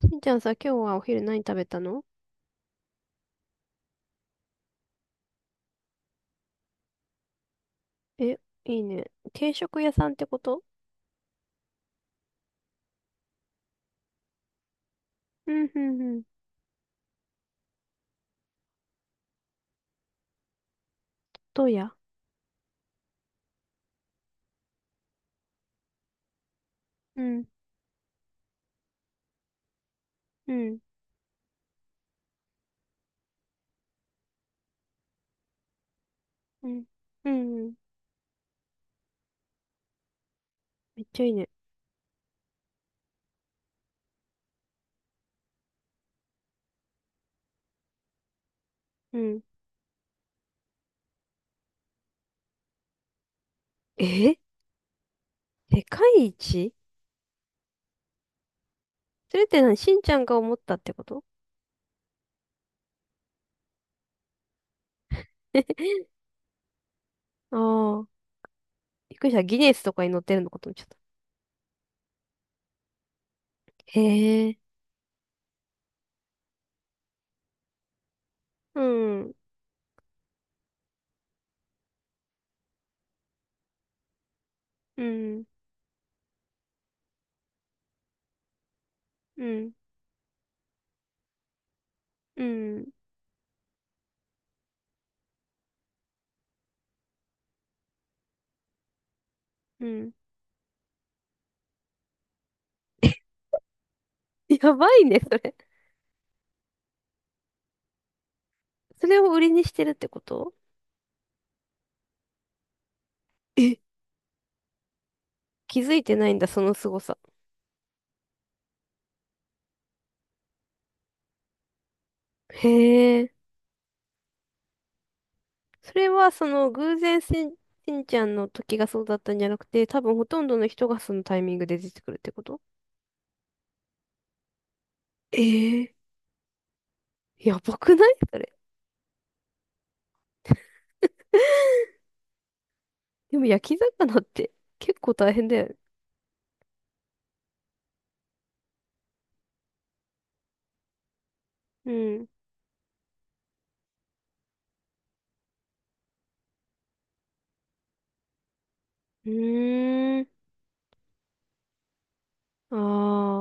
しんちゃんさ、今日はお昼何食べたの？え、いいね。定食屋さんってこと？うん、うん、うん。どうや？うん、うん、うん、うん。うん。めっちゃいいね。うん。え？世界一？それって何しんちゃんが思ったってこと？ ああ。びっくりした。ギネスとかに載ってるのかと思っちゃった。へえ。うん、うん、うん、うん、うん。やばいね、それ。それを売りにしてるってこと？え？気づいてないんだ、その凄さ。へえ。それはその偶然しん、しんちゃんの時がそうだったんじゃなくて、多分ほとんどの人がそのタイミングで出てくるってこと？ええ？ー、やばくないそれ。でも焼き魚って結構大変だよね。うん。うーん。あ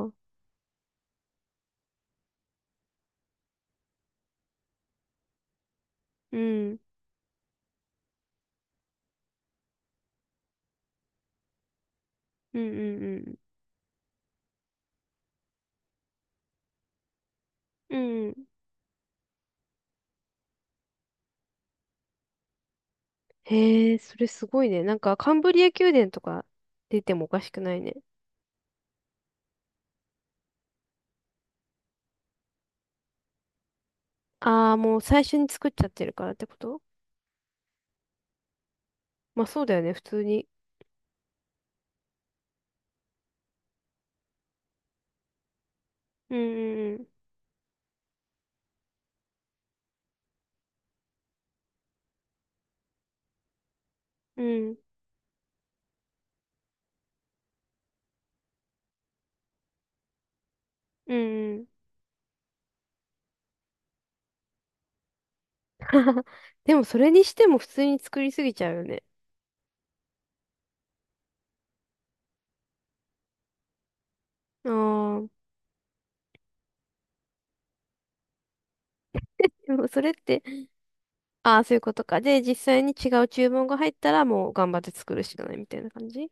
あ。うん。うんうんうん。うん。へえ、それすごいね。なんかカンブリア宮殿とか出てもおかしくないね。ああ、もう最初に作っちゃってるからってこと？まあそうだよね、普通に。うんうんうん。うん。うんうん。でもそれにしても普通に作りすぎちゃうよね。あー。でもそれって、ああ、そういうことか。で、実際に違う注文が入ったらもう頑張って作るしかないみたいな感じ？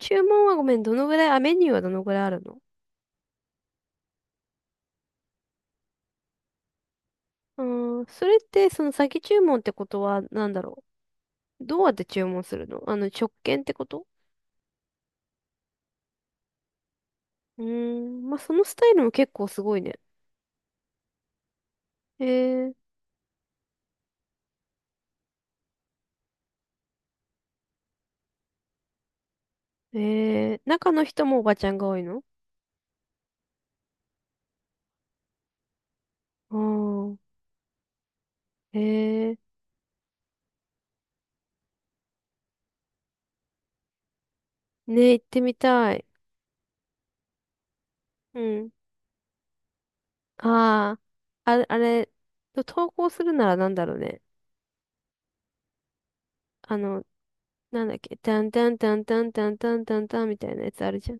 注文はごめん、どのぐらい、あ、メニューはどのぐらいあるの？うーん、それって、その先注文ってことは、なんだろう。どうやって注文するの？あの、直券ってこと？うーん、まあ、そのスタイルも結構すごいね。えー、えー、中の人もおばちゃんが多いの？ああー、えー、ねえ、行ってみたい。うん。ああ、あれ、あれ、投稿するならなんだろうね。あの、なんだっけ、タンタンタンタンタンタンタンタンみたいなやつあるじゃん。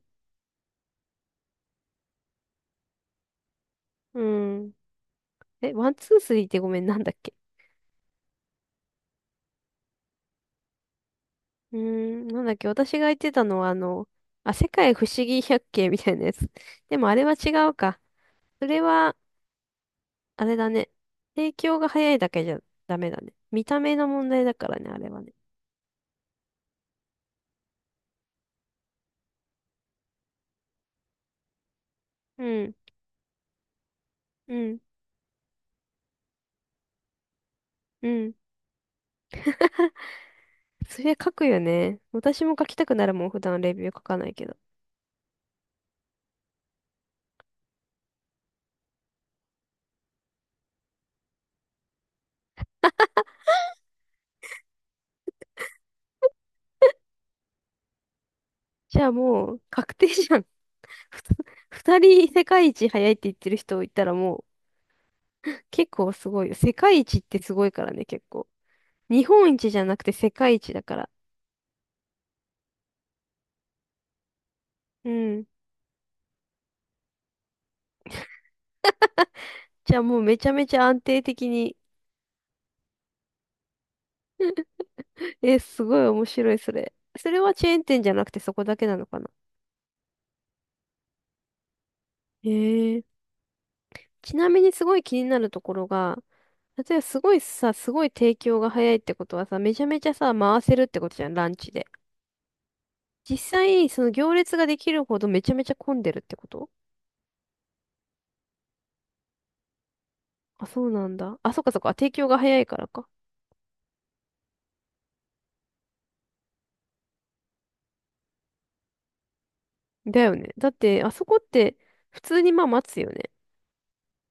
うん。え、ワンツースリーってごめん、なんだっけ。うーん、なんだっけ、私が言ってたのはあの、あ、世界不思議百景みたいなやつ。でもあれは違うか。それは、あれだね。提供が早いだけじゃダメだね。見た目の問題だからね、あれはね。うん、うん、うん。それ書くよね。私も書きたくなるもん、普段レビュー書かないけど。じゃあもう、確定じゃん。ふた二人世界一早いって言ってる人いたらもう、結構すごいよ。世界一ってすごいからね、結構。日本一じゃなくて世界一だから。うん。じゃあもうめちゃめちゃ安定的に。え、すごい面白い、それ。それはチェーン店じゃなくてそこだけなのかな。へえ。ちなみにすごい気になるところが、例えばすごいさ、すごい提供が早いってことはさ、めちゃめちゃさ、回せるってことじゃん、ランチで。実際、その行列ができるほどめちゃめちゃ混んでるってこと？あ、そうなんだ。あ、そっかそっか。提供が早いからか。だよね。だって、あそこって普通にまあ待つよね。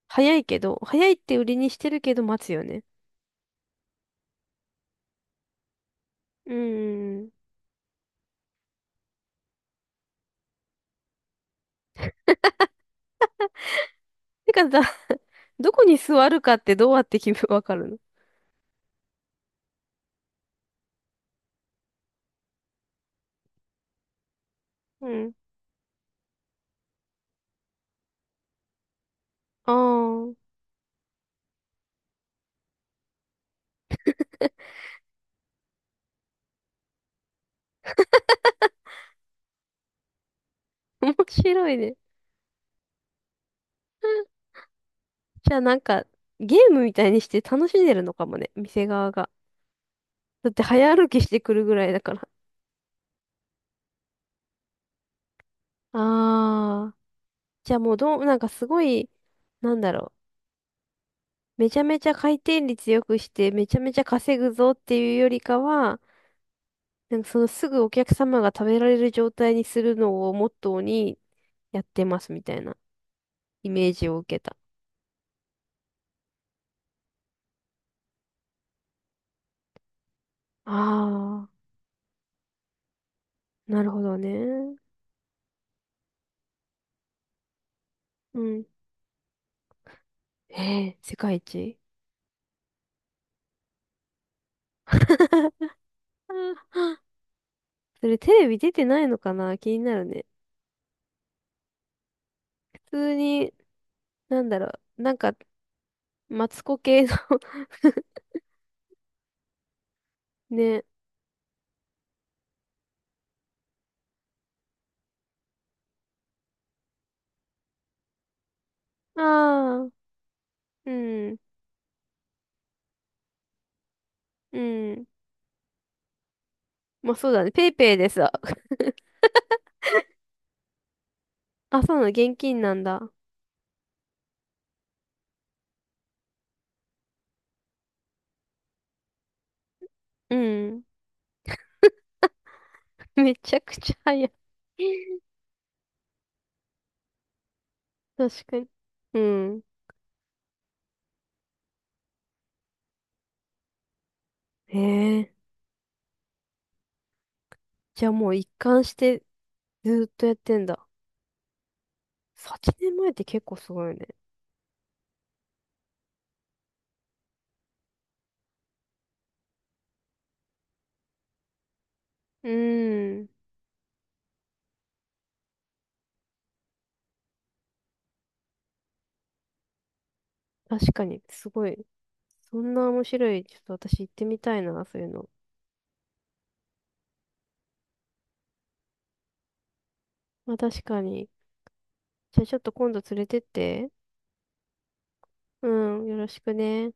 早いけど、早いって売りにしてるけど待つよね。うーん。てかさ、どこに座るかってどうやって決め、わかるの？うん。ああ、面白いね。じゃあなんか、ゲームみたいにして楽しんでるのかもね。店側が。だって早歩きしてくるぐらいだから。ああ。じゃあもうどう、なんかすごい、なんだろう。めちゃめちゃ回転率良くして、めちゃめちゃ稼ぐぞっていうよりかは、なんかそのすぐお客様が食べられる状態にするのをモットーにやってますみたいなイメージを受けた。ああ、なるほどね。うん。ええ、世界一。 それテレビ出てないのかな気になるね。普通に、なんだろう。なんか、マツコ系の。 ね。ああ、うん、うん。まあそうだね。ペイペイでさ。あ、そうなの、現金なんだ。うん。めちゃくちゃ早い。確かに。うん。へえ。じゃあもう一貫してずーっとやってんだ。8年前って結構すごいよね。うーん。確かに、すごい。そんな面白い。ちょっと私行ってみたいな、そういうの。まあ確かに。じゃあちょっと今度連れてって。うん、よろしくね。